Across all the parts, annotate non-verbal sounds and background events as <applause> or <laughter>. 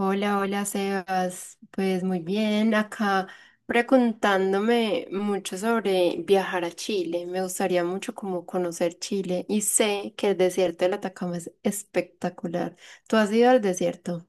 Hola, hola Sebas. Pues muy bien, acá preguntándome mucho sobre viajar a Chile. Me gustaría mucho como conocer Chile y sé que el desierto del Atacama es espectacular. ¿Tú has ido al desierto?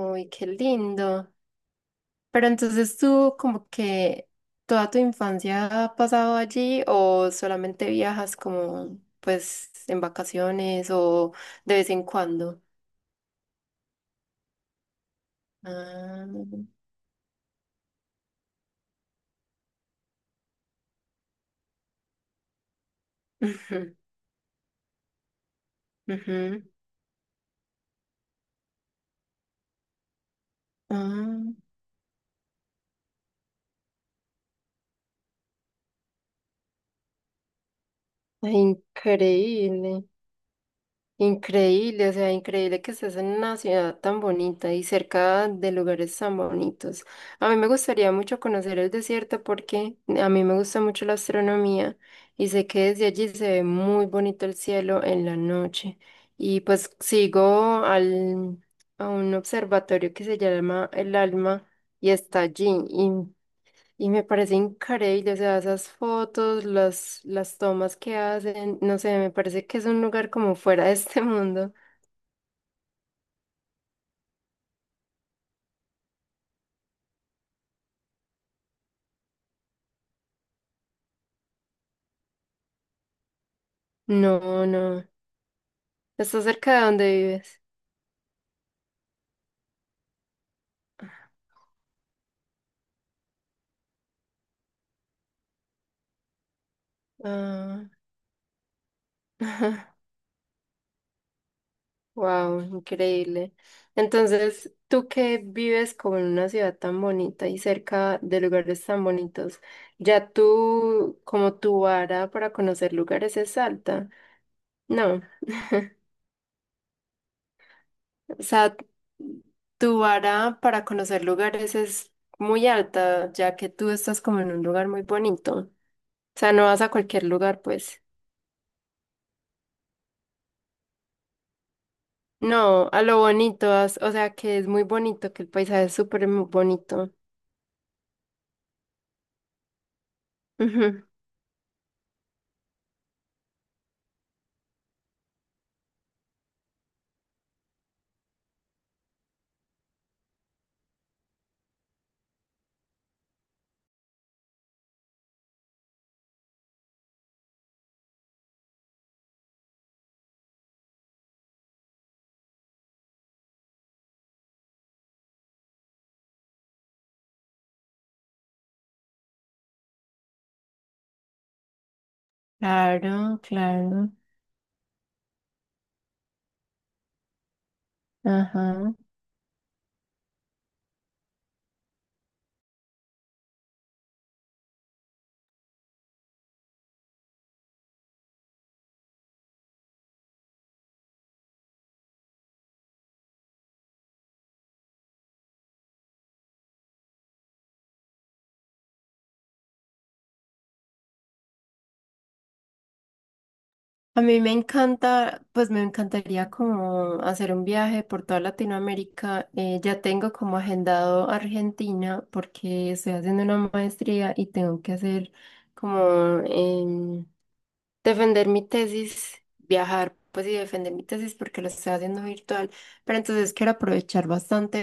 Uy, qué lindo. Pero entonces tú como que toda tu infancia ha pasado allí ¿o solamente viajas como pues en vacaciones o de vez en cuando? Ah, <laughs> ujú, ujú. Ah, increíble, increíble, o sea, increíble que estés en una ciudad tan bonita y cerca de lugares tan bonitos. A mí me gustaría mucho conocer el desierto porque a mí me gusta mucho la astronomía y sé que desde allí se ve muy bonito el cielo en la noche. Y pues sigo a un observatorio que se llama El Alma y está allí. Y me parece increíble, o sea, esas fotos, las tomas que hacen, no sé, me parece que es un lugar como fuera de este mundo. No, no. Está cerca de donde vives? Ah, <laughs> wow, increíble. Entonces, tú que vives como en una ciudad tan bonita y cerca de lugares tan bonitos, ya tú, como tu vara para conocer lugares es alta. No. O sea, tu vara para conocer lugares es muy alta, ya que tú estás como en un lugar muy bonito. O sea, no vas a cualquier lugar, pues. No, a lo bonito, o sea, que es muy bonito, que el paisaje es súper bonito. Ujú. Claro, claro. Ajá. A mí me encanta, pues me encantaría como hacer un viaje por toda Latinoamérica. Ya tengo como agendado Argentina porque estoy haciendo una maestría y tengo que hacer como, em, defender mi tesis, viajar, pues y defender mi tesis porque lo estoy haciendo virtual, pero entonces quiero aprovechar bastante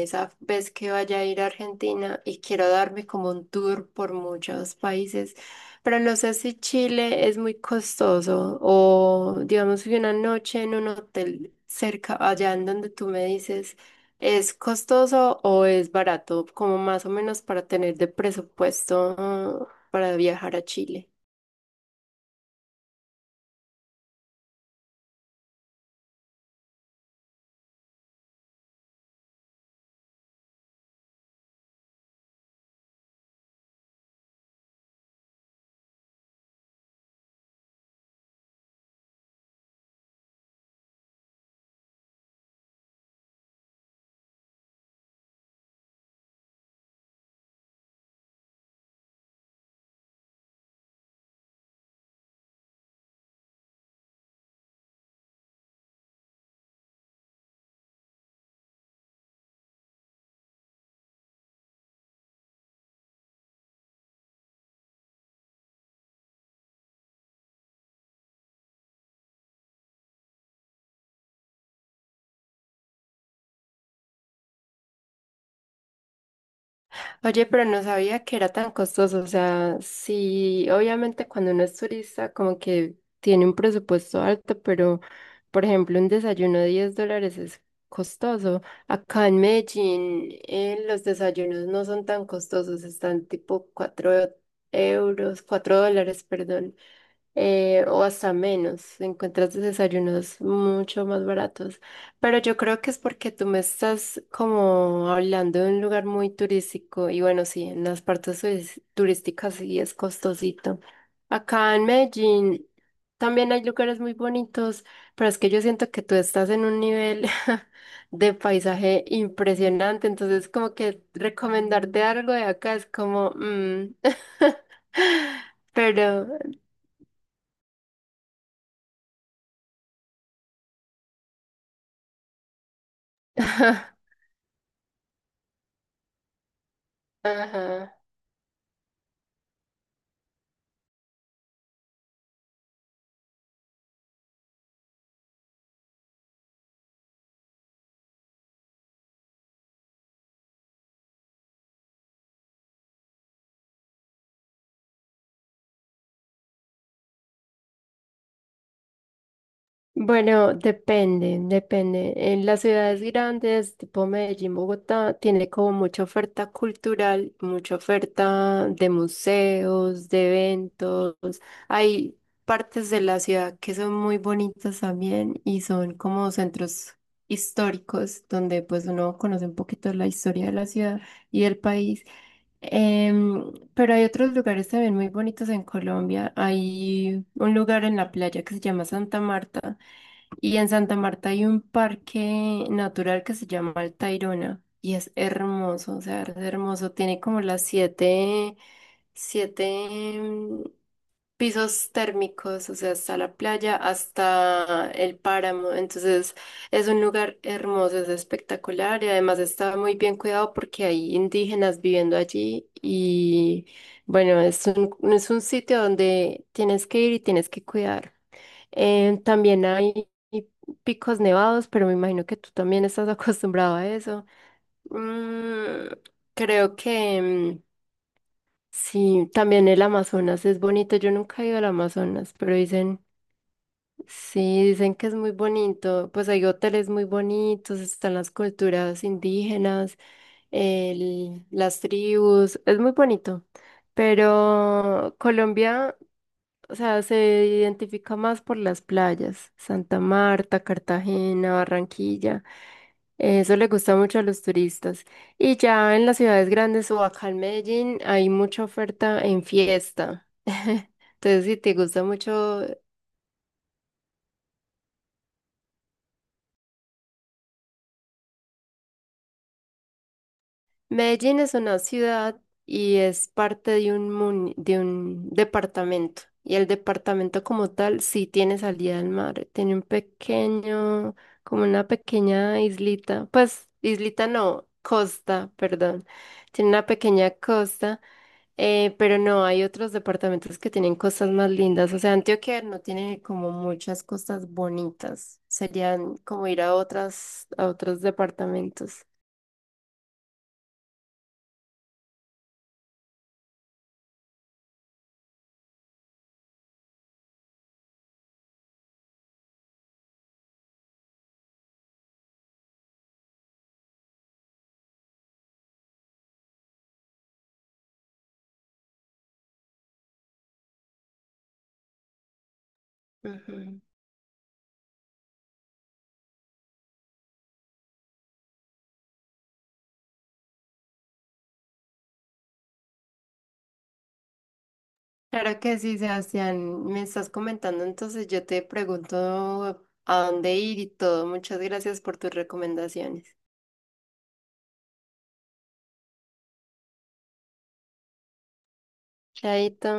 esa vez que vaya a ir a Argentina y quiero darme como un tour por muchos países, pero no sé si Chile es muy costoso o digamos que una noche en un hotel cerca, allá en donde tú me dices, ¿es costoso o es barato? Como más o menos para tener de presupuesto para viajar a Chile. Oye, pero no sabía que era tan costoso. O sea, sí, obviamente cuando uno es turista, como que tiene un presupuesto alto, pero por ejemplo, un desayuno de $10 es costoso. Acá en Medellín, los desayunos no son tan costosos, están tipo €4, $4, perdón o hasta menos. Encuentras desayunos mucho más baratos. Pero yo creo que es porque tú me estás como hablando de un lugar muy turístico y bueno, sí, en las partes turísticas sí es costosito. Acá en Medellín también hay lugares muy bonitos, pero es que yo siento que tú estás en un nivel <laughs> de paisaje impresionante, entonces como que recomendarte algo de acá es como, <laughs> pero... <laughs> Ajá. Bueno, depende, depende. En las ciudades grandes, tipo Medellín, Bogotá, tiene como mucha oferta cultural, mucha oferta de museos, de eventos. Hay partes de la ciudad que son muy bonitas también y son como centros históricos donde pues uno conoce un poquito la historia de la ciudad y del país. Pero hay otros lugares también muy bonitos en Colombia. Hay un lugar en la playa que se llama Santa Marta y en Santa Marta hay un parque natural que se llama El Tayrona y es hermoso, o sea, es hermoso. Tiene como las siete pisos térmicos, o sea, hasta la playa, hasta el páramo. Entonces es un lugar hermoso, es espectacular y además está muy bien cuidado porque hay indígenas viviendo allí y bueno, es un sitio donde tienes que ir y tienes que cuidar. También hay picos nevados, pero me imagino que tú también estás <laughs> acostumbrado a eso. Mm, creo que mm, sí, también el Amazonas es bonito. Yo nunca he ido al Amazonas, pero dicen, sí, dicen que es muy bonito. Pues hay hoteles muy bonitos, están las culturas indígenas, las tribus, es muy bonito. Pero Colombia... O sea, se identifica más por las playas, Santa Marta, Cartagena, Barranquilla. Eso le gusta mucho a los turistas. Y ya en las ciudades grandes o acá en Medellín hay mucha oferta en fiesta. <laughs> Entonces, si te gusta mucho Medellín es una ciudad y es parte de un, muni- de un departamento. Y el departamento como tal sí tiene salida al mar. Tiene un pequeño, como una pequeña islita. Pues, islita no, costa, perdón. Tiene una pequeña costa, pero no, hay otros departamentos que tienen costas más lindas. O sea, Antioquia no tiene como muchas costas bonitas. Serían como ir a otros departamentos. Ujú. Claro que sí, Sebastián. Me estás comentando, entonces yo te pregunto a dónde ir y todo. Muchas gracias por tus recomendaciones. Chaito.